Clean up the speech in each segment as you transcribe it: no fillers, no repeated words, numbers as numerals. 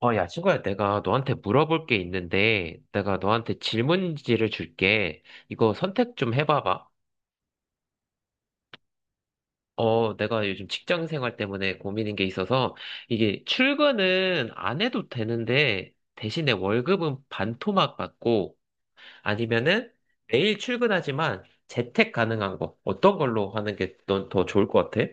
야, 친구야, 내가 너한테 물어볼 게 있는데, 내가 너한테 질문지를 줄게. 이거 선택 좀 해봐봐. 내가 요즘 직장 생활 때문에 고민인 게 있어서, 이게 출근은 안 해도 되는데, 대신에 월급은 반토막 받고, 아니면은 매일 출근하지만 재택 가능한 거, 어떤 걸로 하는 게 넌 더 좋을 것 같아?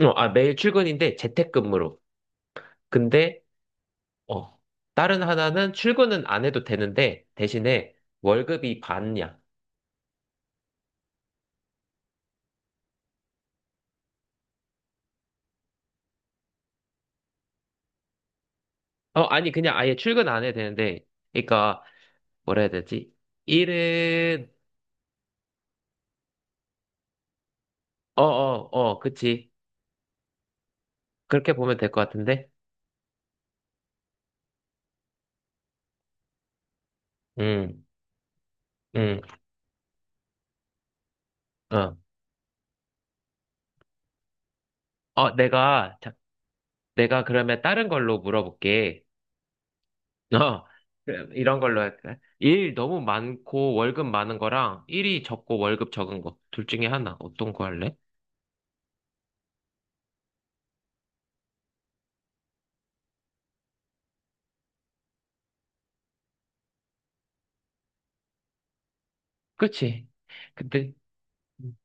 매일 출근인데 재택근무로. 근데 어. 다른 하나는 출근은 안 해도 되는데, 대신에 월급이 반이야. 아니, 그냥 아예 출근 안 해도 되는데, 그러니까, 뭐라 해야 되지? 일은, 어, 어, 어, 그치. 그렇게 보면 될 것 같은데? 음, 음, 어. 자, 내가 그러면 다른 걸로 물어볼게. 어, 그럼 이런 걸로 할까? 일 너무 많고 월급 많은 거랑 일이 적고 월급 적은 거. 둘 중에 하나. 어떤 거 할래? 그치. 근데, 음.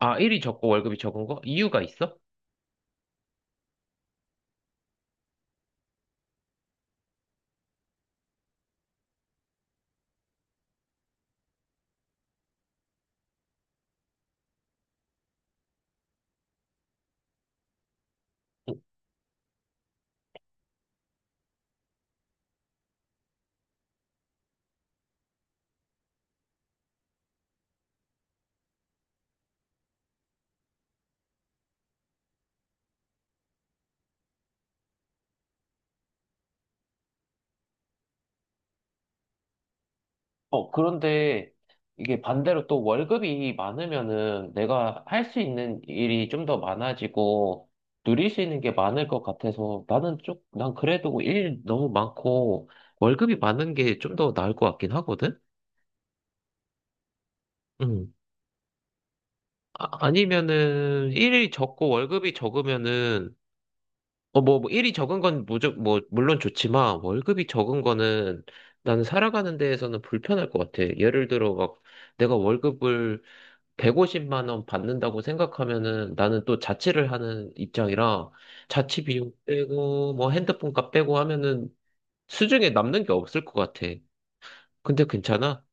아, 일이 적고 월급이 적은 거? 이유가 있어? 그런데 이게 반대로 또 월급이 많으면은 내가 할 수 있는 일이 좀 더 많아지고 누릴 수 있는 게 많을 것 같아서 나는 쪽 난 그래도 일 너무 많고 월급이 많은 게 좀 더 나을 것 같긴 하거든? 음. 아, 아니면은 일이 적고 월급이 적으면은 뭐 일이 적은 건 무조 뭐 물론 좋지만 월급이 적은 거는 나는 살아가는 데에서는 불편할 것 같아. 예를 들어 막 내가 월급을 150만 원 받는다고 생각하면은 나는 또 자취를 하는 입장이라 자취 비용 빼고 뭐 핸드폰 값 빼고 하면은 수중에 남는 게 없을 것 같아. 근데 괜찮아?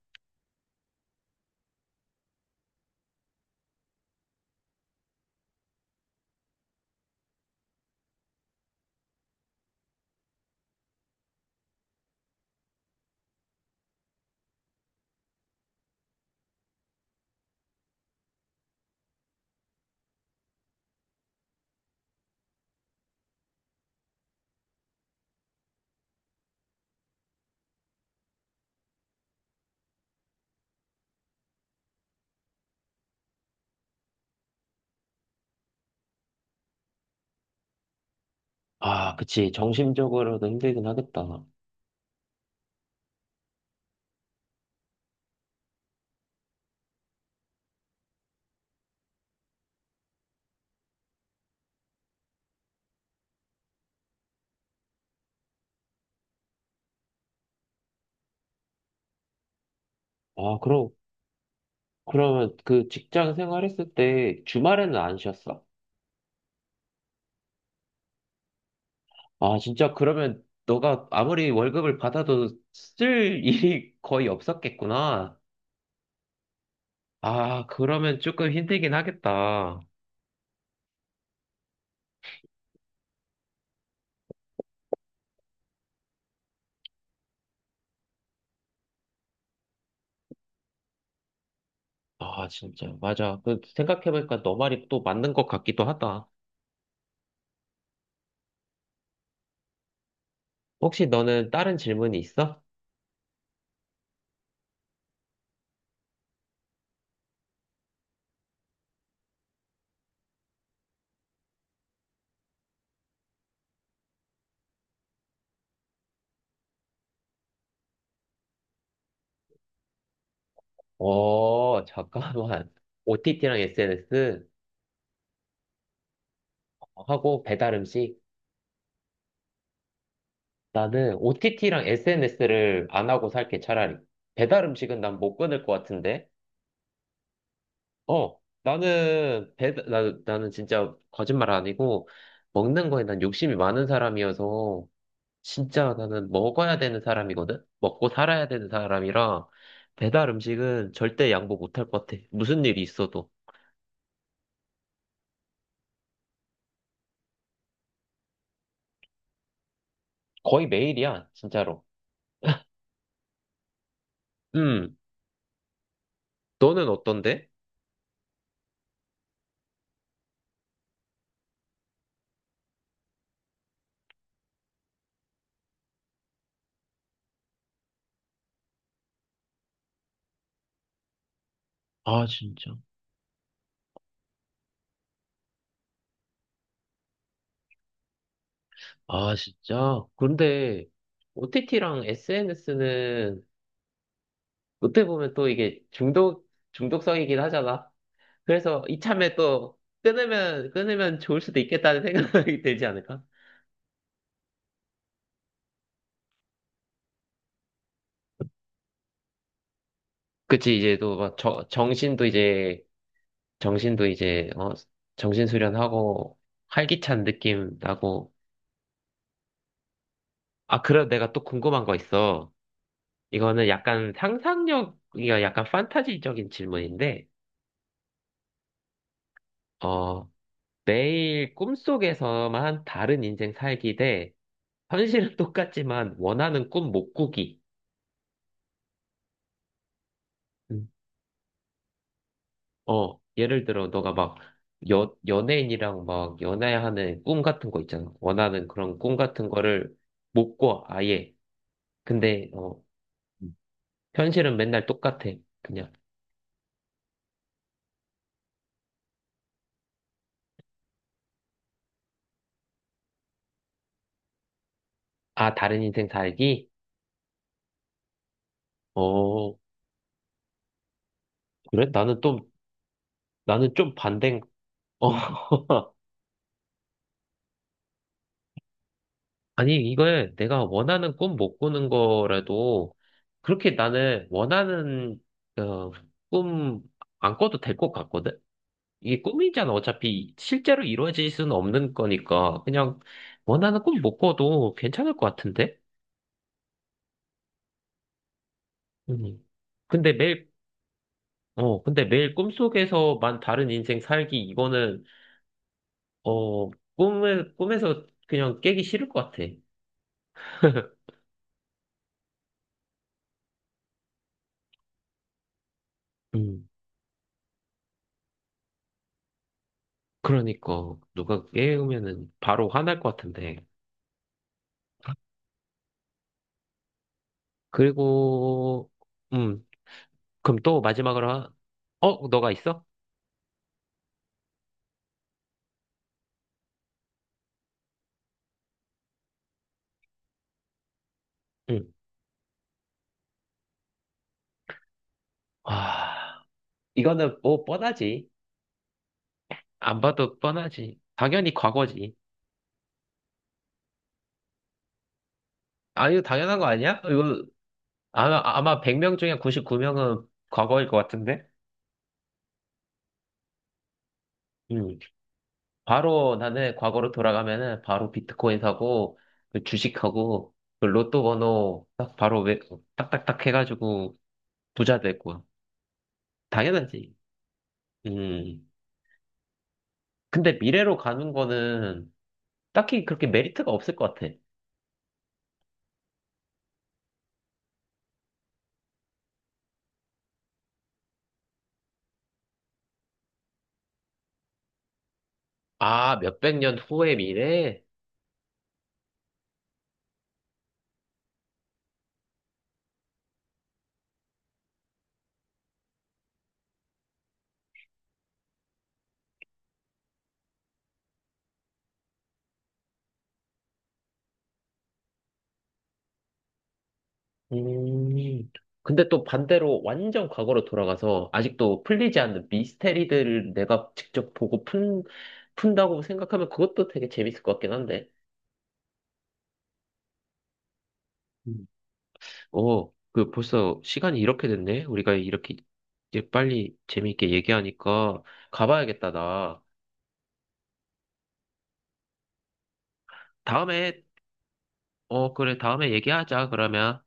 아, 그치. 정신적으로도 힘들긴 하겠다. 아, 그럼 그러면 그 직장 생활했을 때 주말에는 안 쉬었어? 아, 진짜 그러면 너가 아무리 월급을 받아도 쓸 일이 거의 없었겠구나. 아, 그러면 조금 힘들긴 하겠다. 아, 진짜. 맞아. 그 생각해보니까 너 말이 또 맞는 것 같기도 하다. 혹시 너는 다른 질문이 있어? 잠깐만. OTT랑 SNS 하고 배달 음식. 나는 OTT랑 SNS를 안 하고 살게 차라리. 배달 음식은 난 못 끊을 것 같은데. 어, 나는 진짜 거짓말 아니고 먹는 거에 난 욕심이 많은 사람이어서 진짜 나는 먹어야 되는 사람이거든. 먹고 살아야 되는 사람이라 배달 음식은 절대 양보 못 할 것 같아. 무슨 일이 있어도. 거의 매일이야, 진짜로. 음, 너는 어떤데? 아, 진짜. 아, 진짜? 그런데 OTT랑 SNS는 어떻게 보면 또 이게 중독성이긴 하잖아. 그래서 이참에 또 끊으면 좋을 수도 있겠다는 생각이 들지 않을까? 그치, 이제 또 막 정신도 이제, 정신도 이제, 어, 정신 수련하고 활기찬 느낌 나고. 아, 그럼 내가 또 궁금한 거 있어. 이거는 약간 상상력, 이거 약간 판타지적인 질문인데, 어, 매일 꿈속에서만 다른 인생 살기 대 현실은 똑같지만 원하는 꿈 못 꾸기. 예를 들어, 너가 막, 연예인이랑 막, 연애하는 꿈 같은 거 있잖아. 원하는 그런 꿈 같은 거를 못 꿔, 아예. 근데, 어, 음. 현실은 맨날 똑같아. 그냥, 아, 다른 인생 살기? 어, 그래? 나는 또, 나는 좀 반대인, 어, 아니, 이걸 내가 원하는 꿈 못 꾸는 거라도, 그렇게 나는 원하는, 어, 꿈 안 꿔도 될 것 같거든? 이게 꿈이잖아. 어차피 실제로 이루어질 수는 없는 거니까 그냥 원하는 꿈 못 꿔도 괜찮을 것 같은데? 음. 근데 매일 꿈속에서만 다른 인생 살기 이거는 어 꿈을 꿈에서 그냥 깨기 싫을 것 같아. 음. 그러니까 누가 깨우면은 바로 화날 것 같은데. 그리고 음 그럼 또 마지막으로 하... 너가 있어? 응. 아 이거는 뭐 뻔하지. 안 봐도 뻔하지. 당연히 과거지. 아, 이거 당연한 거 아니야? 이거 아마 100명 중에 99명은 과거일 것 같은데? 음. 바로 나는 과거로 돌아가면은 바로 비트코인 사고, 그 주식하고, 그 로또 번호 딱 바로 왜 딱딱딱 해가지고 부자 될 거야. 당연하지. 음. 근데 미래로 가는 거는 딱히 그렇게 메리트가 없을 것 같아. 아, 몇백 년 후의 미래? 음. 근데 또 반대로 완전 과거로 돌아가서 아직도 풀리지 않는 미스테리들을 내가 직접 보고 푼다고 생각하면 그것도 되게 재밌을 것 같긴 한데. 음. 그 벌써 시간이 이렇게 됐네? 우리가 이렇게 이제 빨리 재미있게 얘기하니까 가봐야겠다, 나. 다음에, 그래, 다음에 얘기하자, 그러면.